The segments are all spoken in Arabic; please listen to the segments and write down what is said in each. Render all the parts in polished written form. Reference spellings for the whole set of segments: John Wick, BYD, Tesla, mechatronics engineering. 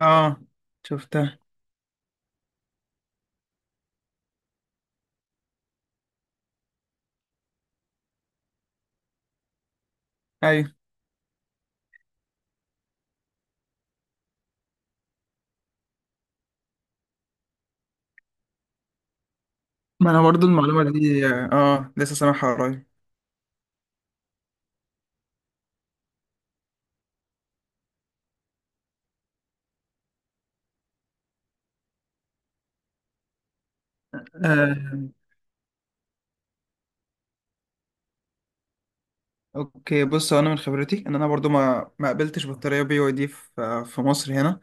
اه شفتها. ايوه، ما انا برضو المعلومه دي لسه سامعها قريب. آه. اوكي، بص، هو انا من خبرتي ان انا برضو ما قابلتش بطاريه بي واي دي في مصر هنا.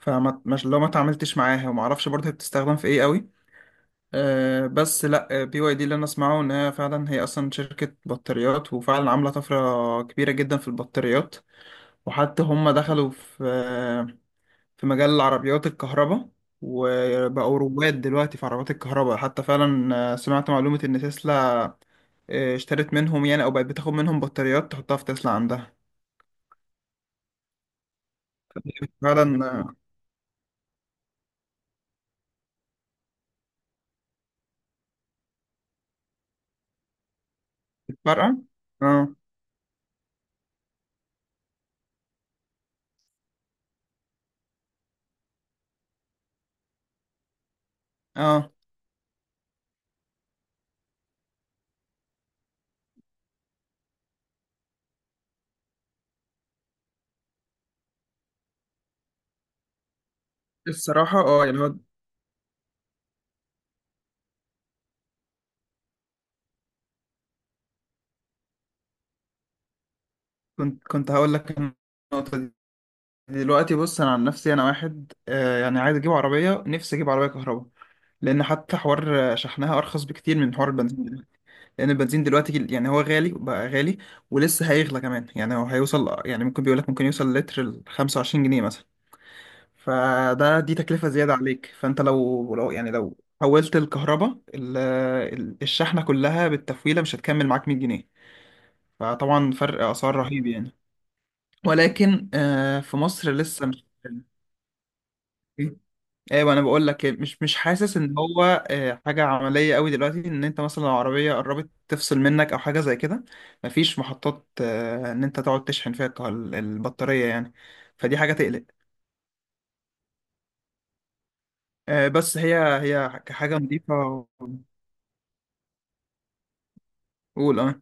فما مش لو ما اتعاملتش معاها وما اعرفش برضو هي بتستخدم في ايه قوي. بس لا، بي واي دي اللي انا اسمعه ان هي فعلا هي اصلا شركه بطاريات، وفعلا عامله طفره كبيره جدا في البطاريات، وحتى هم دخلوا في مجال عربيات الكهرباء، وبقوا رواد دلوقتي في عربيات الكهرباء. حتى فعلا سمعت معلومة إن تسلا اشترت منهم، يعني أو بقت بتاخد منهم بطاريات تحطها في تسلا عندها. فعلا فارقة. اه، اه، الصراحة يعني هو، كنت هقول لك النقطة دي. دلوقتي بص، أنا عن نفسي أنا واحد يعني عايز أجيب عربية، نفسي أجيب عربية كهرباء لأن حتى حوار شحنها أرخص بكتير من حوار البنزين. لان البنزين دلوقتي يعني هو غالي، بقى غالي ولسه هيغلى كمان. يعني هو هيوصل، يعني ممكن، بيقول لك ممكن يوصل لتر ل 25 جنيه مثلا. فده دي تكلفة زيادة عليك. فانت لو لو حولت الكهرباء الشحنة كلها بالتفويلة مش هتكمل معاك 100 جنيه. فطبعا فرق اسعار رهيب يعني. ولكن في مصر لسه، مش، ايوه انا بقول لك مش حاسس ان هو حاجه عمليه قوي دلوقتي. ان انت مثلا لو عربيه قربت تفصل منك او حاجه زي كده، مفيش محطات ان انت تقعد تشحن فيها البطاريه يعني. فدي حاجه تقلق. بس هي كحاجه نظيفه. قول. اه،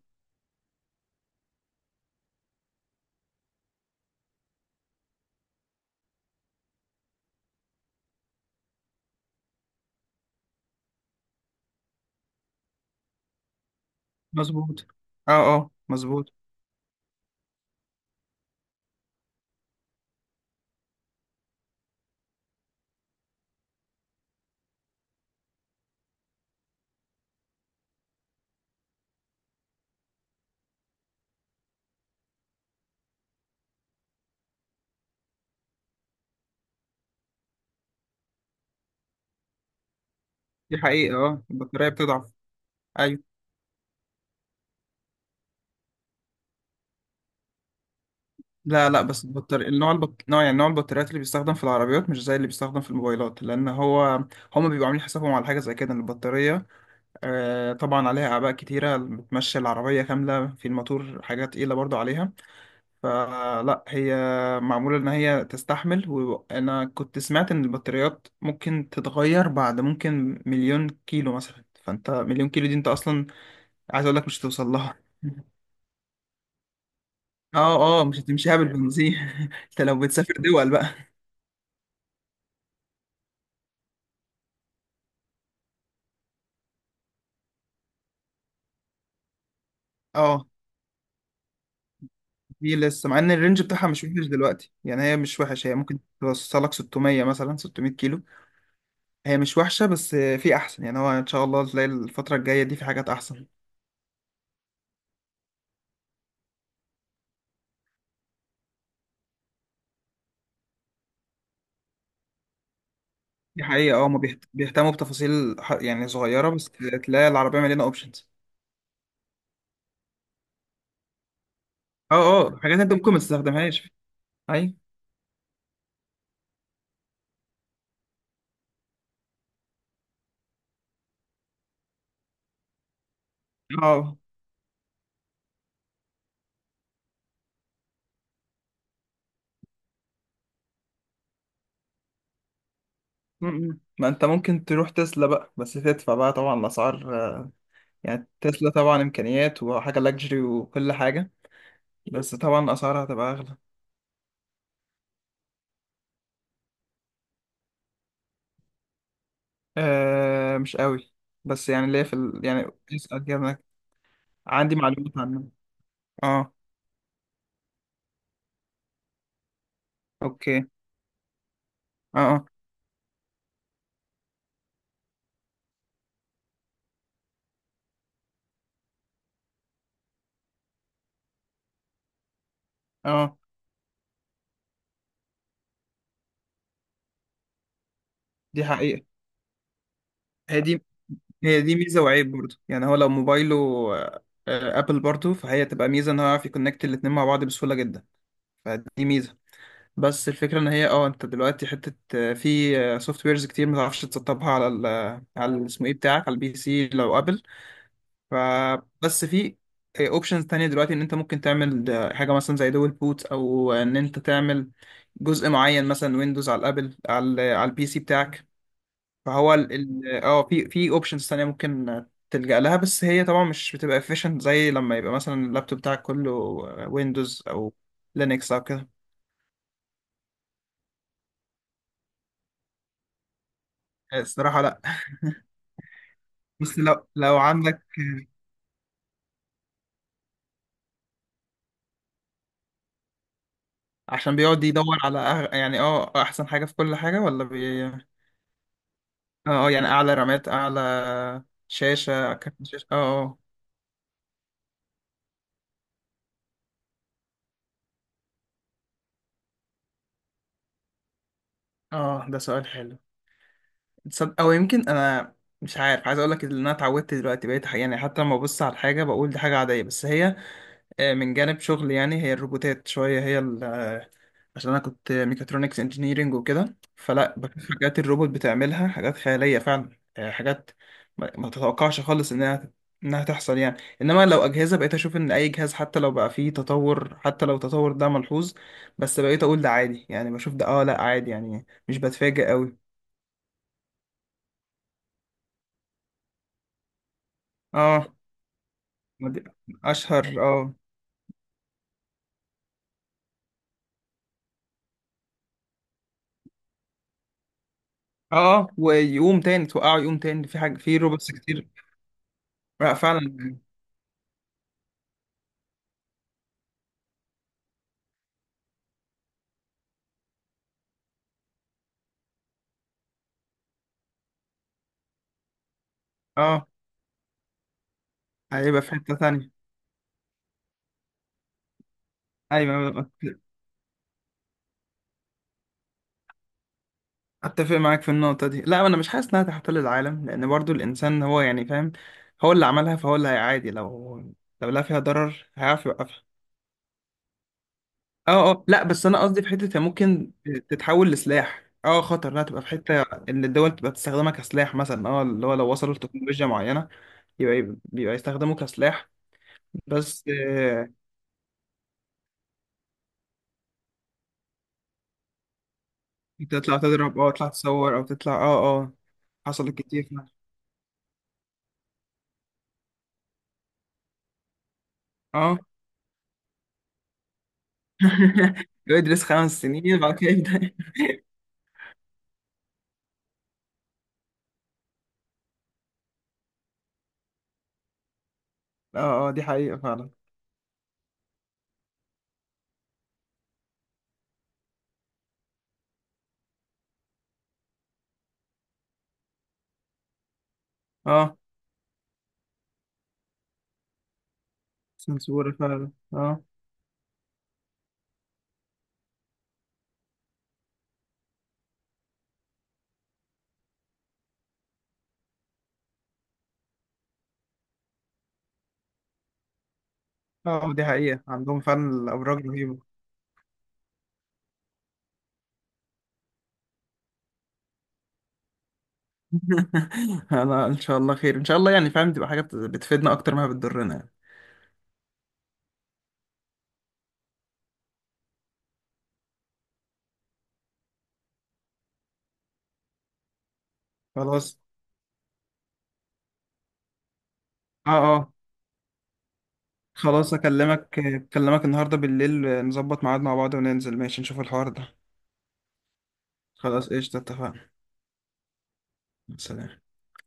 مظبوط. اه، اه، مظبوط. دي حقيقه، اه البطاريه بتضعف. ايوه. لا، لا، بس البطارية النوع، نوع، يعني نوع البطاريات اللي بيستخدم في العربيات مش زي اللي بيستخدم في الموبايلات. لان هو هما بيبقوا عاملين حسابهم على حاجه زي كده، ان البطاريه طبعا عليها أعباء كتيرة. بتمشي العربية كاملة، في الماتور حاجات تقيلة برضو عليها. فلا، هي معمولة إن هي تستحمل. وأنا كنت سمعت إن البطاريات ممكن تتغير بعد ممكن مليون كيلو مثلا. فأنت مليون كيلو دي أنت أصلا عايز أقولك مش هتوصل لها. اه، اه، مش هتمشيها بالبنزين. انت لو بتسافر دول بقى. اه، دي لسه، مع ان الرينج بتاعها مش وحش دلوقتي. يعني هي مش وحش، هي ممكن توصلك 600 مثلا، 600 كيلو. هي مش وحشة بس في أحسن. يعني هو إن شاء الله تلاقي الفترة الجاية دي في حاجات أحسن. دي حقيقة، اه، هما بيهتموا بتفاصيل يعني صغيرة. بس تلاقي العربية مليانة أوبشنز. اه، اه، حاجات أنت ممكن ما تستخدمهاش. أي. اه. م- م. ما أنت ممكن تروح تسلا بقى، بس تدفع بقى. طبعا الأسعار يعني تسلا طبعا إمكانيات وحاجة لاكجري وكل حاجة، بس طبعا أسعارها هتبقى أغلى. آه، مش قوي، بس يعني ليه في ال... يعني اسأل كده. عندي معلومات عنها. اه، اوكي. اه، اه، آه. دي حقيقة. هي دي هي دي ميزة وعيب برضه. يعني هو لو موبايله آه، ابل برضه، فهي تبقى ميزة ان هو يعرف يكونكت الاتنين مع بعض بسهولة جدا. فدي ميزة. بس الفكرة ان هي انت دلوقتي حتة في سوفت ويرز كتير ما تعرفش تسطبها على ال على اسمه ايه بتاعك على البي سي لو ابل. فبس في اوبشنز تانية دلوقتي ان انت ممكن تعمل حاجة مثلا زي دول بوت، او ان انت تعمل جزء معين مثلا ويندوز على الابل، على ال- على البي سي بتاعك. فهو في اوبشنز تانية ممكن تلجأ لها. بس هي طبعا مش بتبقى efficient زي لما يبقى مثلا اللابتوب بتاعك كله ويندوز او لينكس او كده. الصراحة لا، بس لو عندك، عشان بيقعد يدور على يعني، احسن حاجة في كل حاجة، ولا اه، يعني اعلى رامات، اعلى شاشة، كارت شاشة، اه. اه، اه، ده سؤال حلو. تصدق او يمكن، انا مش عارف، عايز اقول لك ان انا اتعودت دلوقتي، بقيت يعني حتى لما ببص على الحاجة بقول دي حاجة عادية. بس هي من جانب شغلي، يعني هي الروبوتات شوية. هي عشان أنا كنت ميكاترونكس انجينيرينج وكده، فلا بشوف حاجات الروبوت بتعملها حاجات خيالية فعلا. حاجات ما تتوقعش خالص إنها تحصل يعني. إنما لو أجهزة، بقيت أشوف إن أي جهاز حتى لو بقى فيه تطور، حتى لو التطور ده ملحوظ، بس بقيت أقول ده عادي. يعني بشوف ده أه لأ عادي، يعني مش بتفاجئ أوي. أه. ما دي... أشهر، أه، أه، ويقوم تاني، توقعه يقوم تاني. في حاجة في روبوتس كتير. لأ، فعلا يعني، أه هيبقى في حتة تانية. أيوة، أتفق معاك في النقطة دي. لا، أنا مش حاسس إنها تحتل العالم لأن برضو الإنسان هو، يعني فاهم، هو اللي عملها فهو اللي هيعادي لو لا فيها ضرر هيعرف يوقفها. أه، أه، لا بس أنا قصدي في حتة هي ممكن تتحول لسلاح. أه، خطر إنها تبقى في حتة، إن الدول تبقى تستخدمها كسلاح مثلا. أه اللي هو لو وصلوا لتكنولوجيا معينة، يبقى بيبقى يستخدموه كسلاح. بس تطلع تضرب، أه تطلع تصور، أو تطلع، أه، أه حصلت كتير فعلا. أه يدرس 5 سنين بعد كده يبدأ. اه، اه، دي حقيقة فعلا. اه، سنسورة فعلا. اه، اه، دي حقيقة، عندهم فعلا الأبراج رهيبة. أنا إن شاء الله خير. إن شاء الله يعني فاهم، تبقى حاجة بتفيدنا أكتر ما بتضرنا يعني. خلاص. اه، اه، خلاص، أكلمك، أكلمك النهاردة بالليل نظبط ميعاد مع بعض، وننزل ماشي نشوف الحوار ده. خلاص قشطة، اتفقنا. سلام.